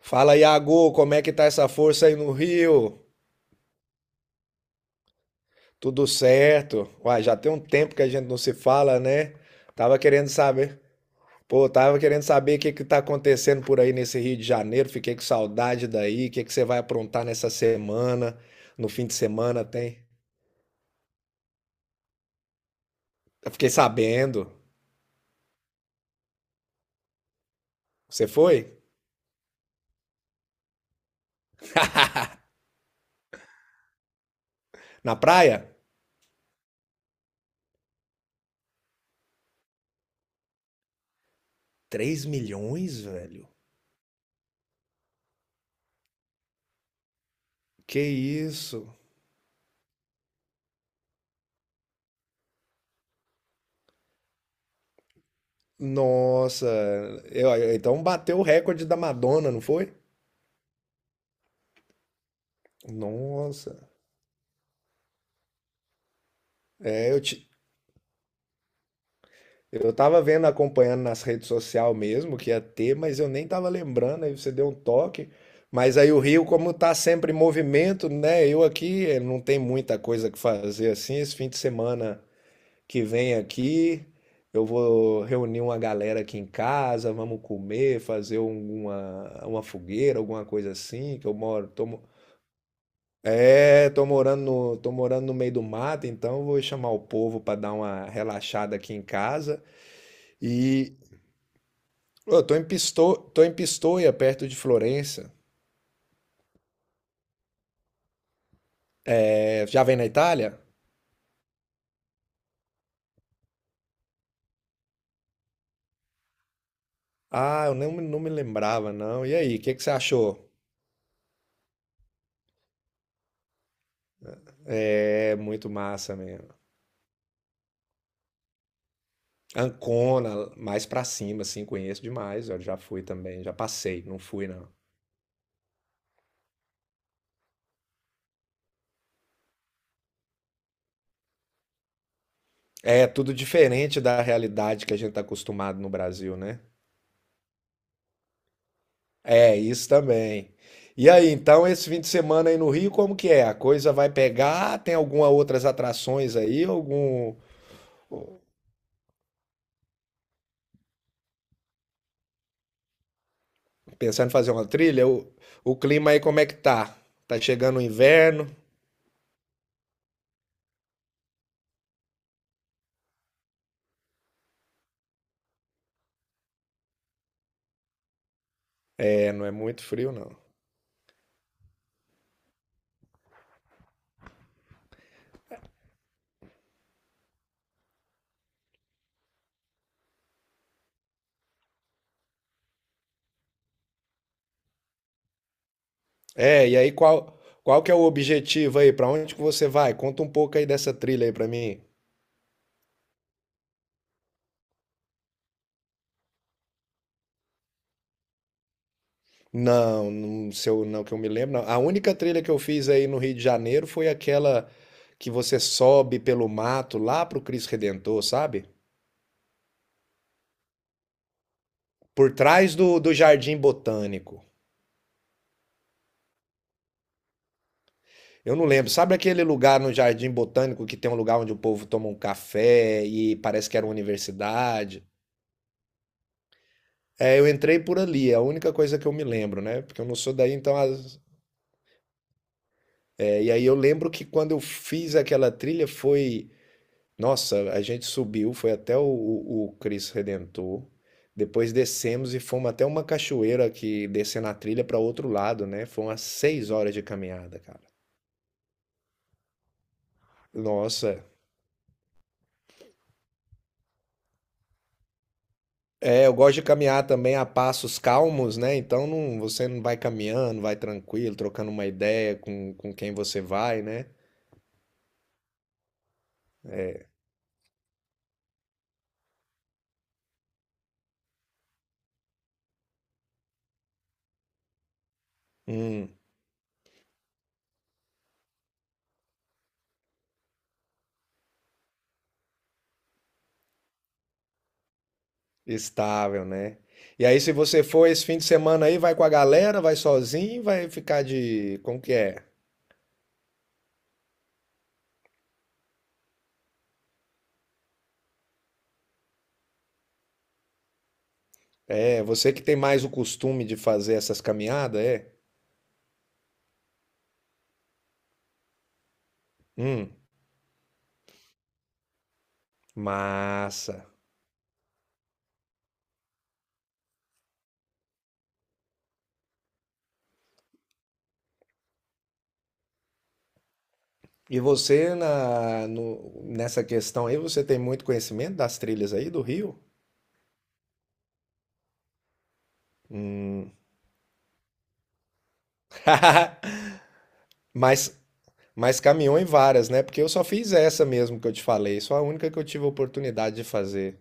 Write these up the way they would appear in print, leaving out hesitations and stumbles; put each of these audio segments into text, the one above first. Fala, Iago, como é que tá essa força aí no Rio? Tudo certo? Uai, já tem um tempo que a gente não se fala, né? Tava querendo saber. Pô, tava querendo saber o que que tá acontecendo por aí nesse Rio de Janeiro. Fiquei com saudade daí. O que que você vai aprontar nessa semana? No fim de semana tem? Eu fiquei sabendo. Você foi? Na praia? 3 milhões, velho? Que isso? Nossa. Então bateu o recorde da Madonna, não foi? Nossa. É, eu tava vendo, acompanhando nas redes sociais mesmo que ia ter, mas eu nem tava lembrando, aí você deu um toque. Mas aí o Rio, como tá sempre em movimento, né? Eu aqui não tem muita coisa que fazer assim. Esse fim de semana que vem aqui, eu vou reunir uma galera aqui em casa, vamos comer, fazer uma fogueira, alguma coisa assim, que eu moro, tô morando no meio do mato, então eu vou chamar o povo para dar uma relaxada aqui em casa. E, pô, eu tô em Pistoia, perto de Florença. É, já vem na Itália? Ah, eu não, não me lembrava, não. E aí, o que que você achou? É muito massa mesmo. Ancona, mais pra cima, assim, conheço demais. Eu já fui também, já passei, não fui, não. É tudo diferente da realidade que a gente tá acostumado no Brasil, né? É, isso também. E aí, então, esse fim de semana aí no Rio, como que é? A coisa vai pegar? Tem alguma outras atrações aí? Algum. Pensando em fazer uma trilha. O clima aí como é que tá? Tá chegando o inverno? É, não é muito frio não. É, e aí qual que é o objetivo aí? Pra onde que você vai? Conta um pouco aí dessa trilha aí pra mim. Não, não sei, não que eu me lembro, não. A única trilha que eu fiz aí no Rio de Janeiro foi aquela que você sobe pelo mato lá pro Cristo Redentor, sabe? Por trás do Jardim Botânico. Eu não lembro. Sabe aquele lugar no Jardim Botânico que tem um lugar onde o povo toma um café e parece que era uma universidade? É, eu entrei por ali, é a única coisa que eu me lembro, né? Porque eu não sou daí, então. E aí eu lembro que quando eu fiz aquela trilha foi. Nossa, a gente subiu, foi até o Cristo Redentor. Depois descemos e fomos até uma cachoeira que descendo a trilha para outro lado, né? Foi umas 6 horas de caminhada, cara. Nossa. É, eu gosto de caminhar também a passos calmos, né? Então não, você não vai caminhando, vai tranquilo, trocando uma ideia com quem você vai, né? É, hum, estável, né? E aí, se você for esse fim de semana aí, vai com a galera, vai sozinho, vai ficar de. Como que é? É, você que tem mais o costume de fazer essas caminhadas, é? Hum, massa. E você na, no- nessa questão aí, você tem muito conhecimento das trilhas aí do Rio? Hum. Mas caminhou em várias, né? Porque eu só fiz essa mesmo que eu te falei, só a única que eu tive oportunidade de fazer.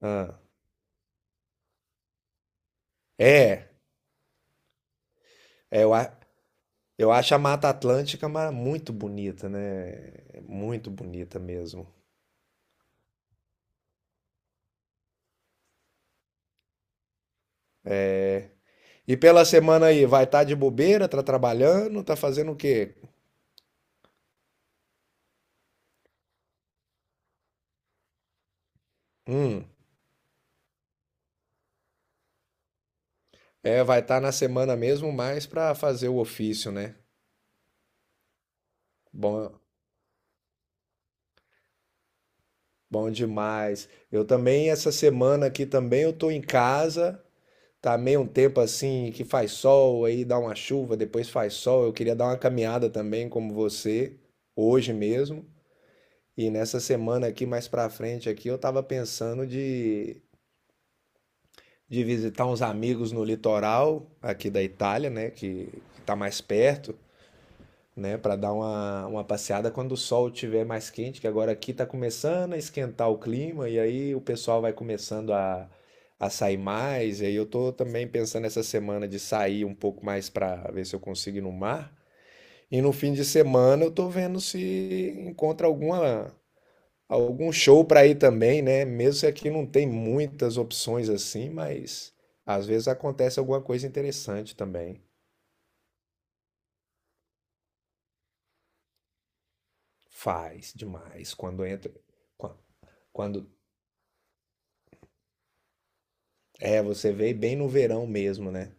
Ah. É, é, eu acho a Mata Atlântica muito bonita, né? É muito bonita mesmo. E pela semana aí, vai estar de bobeira, tá trabalhando, tá fazendo o quê? Hum, é, vai estar na semana mesmo mais pra fazer o ofício, né? Bom, bom demais. Eu também, essa semana aqui também, eu tô em casa. Tá meio um tempo assim que faz sol, aí dá uma chuva, depois faz sol. Eu queria dar uma caminhada também, como você, hoje mesmo. E nessa semana aqui, mais pra frente aqui, eu tava pensando de visitar uns amigos no litoral aqui da Itália, né? Que tá mais perto, né, para dar uma passeada quando o sol estiver mais quente, que agora aqui está começando a esquentar o clima e aí o pessoal vai começando a sair mais. E aí eu tô também pensando essa semana de sair um pouco mais para ver se eu consigo ir no mar. E no fim de semana eu tô vendo se encontra algum show para ir também, né? Mesmo se aqui não tem muitas opções assim, mas às vezes acontece alguma coisa interessante também. Faz demais quando entra quan- quando. É, você veio bem no verão mesmo, né?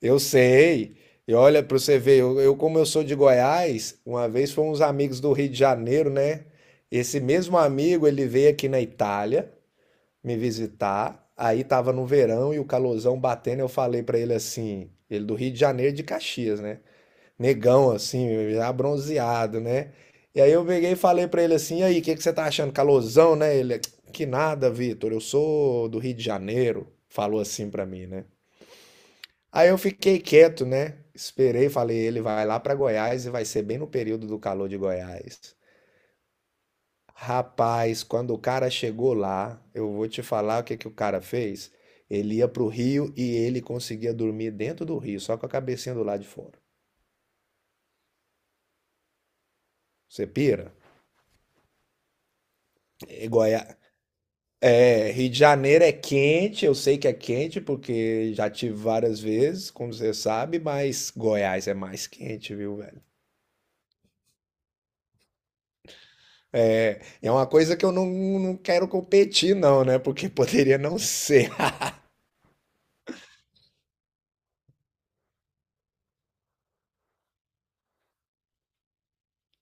Eu sei. E olha, para você ver, como eu sou de Goiás, uma vez foram uns amigos do Rio de Janeiro, né? Esse mesmo amigo, ele veio aqui na Itália me visitar. Aí tava no verão e o calorzão batendo, eu falei para ele assim, ele do Rio de Janeiro de Caxias, né? Negão, assim, já bronzeado, né? E aí eu peguei e falei pra ele assim, e aí, o que que você tá achando? Calorzão, né? Ele, que nada, Vitor, eu sou do Rio de Janeiro, falou assim pra mim, né? Aí eu fiquei quieto, né? Esperei, falei, ele vai lá pra Goiás e vai ser bem no período do calor de Goiás. Rapaz, quando o cara chegou lá, eu vou te falar o que que o cara fez. Ele ia pro Rio e ele conseguia dormir dentro do Rio, só com a cabecinha do lado de fora. Você pira? E Goiás. É, Rio de Janeiro é quente, eu sei que é quente porque já tive várias vezes, como você sabe, mas Goiás é mais quente, viu, velho? É, é uma coisa que eu não, não quero competir, não, né? Porque poderia não ser.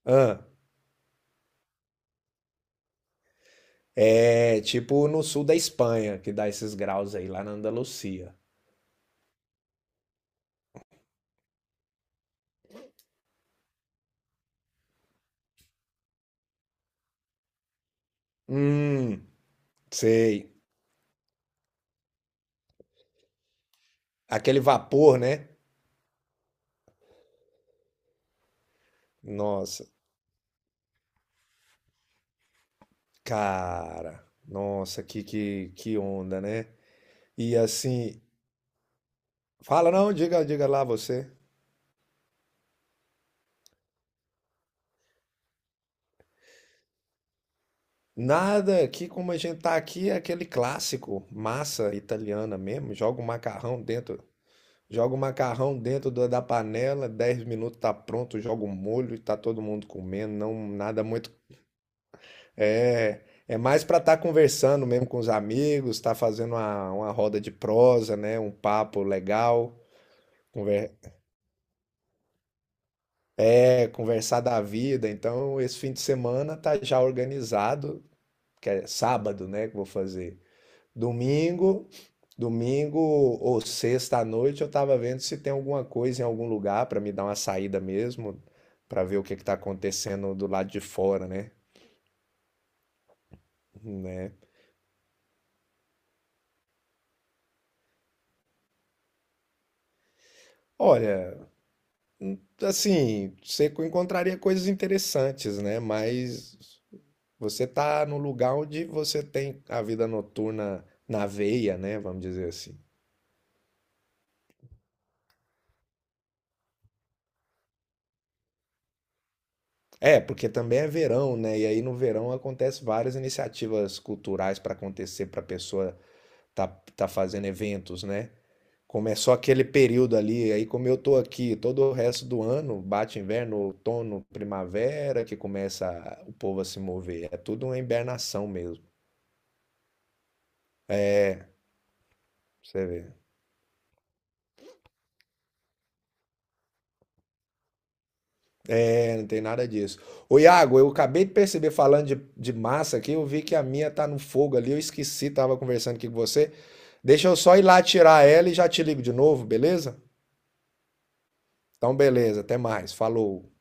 Ah, é tipo no sul da Espanha, que dá esses graus aí, lá na Andalucia. Hum, sei. Aquele vapor, né? Nossa, cara. Nossa, que onda, né? E assim, fala, não, diga lá você. Nada, aqui como a gente tá aqui é aquele clássico, massa italiana mesmo, joga o macarrão dentro da panela, 10 minutos tá pronto, joga o molho e tá todo mundo comendo, não nada muito, é, é mais pra estar conversando mesmo com os amigos, tá fazendo uma roda de prosa, né, um papo legal, conver- conversar da vida, então esse fim de semana tá já organizado, que é sábado, né, que eu vou fazer. Domingo, domingo ou sexta à noite eu tava vendo se tem alguma coisa em algum lugar pra me dar uma saída mesmo, pra ver o que que tá acontecendo do lado de fora, né? Né? Olha, assim, você encontraria coisas interessantes, né? Mas você tá num lugar onde você tem a vida noturna na veia, né? Vamos dizer assim. É, porque também é verão, né? E aí no verão acontece várias iniciativas culturais para acontecer para pessoa tá, tá fazendo eventos, né? Começou aquele período ali, aí como eu tô aqui todo o resto do ano, bate inverno, outono, primavera, que começa o povo a se mover. É tudo uma hibernação mesmo, pra você vê. É, não tem nada disso. Ô Iago, eu acabei de perceber, falando de massa aqui, eu vi que a minha tá no fogo ali, eu esqueci, tava conversando aqui com você. Deixa eu só ir lá tirar ela e já te ligo de novo, beleza? Então, beleza, até mais, falou.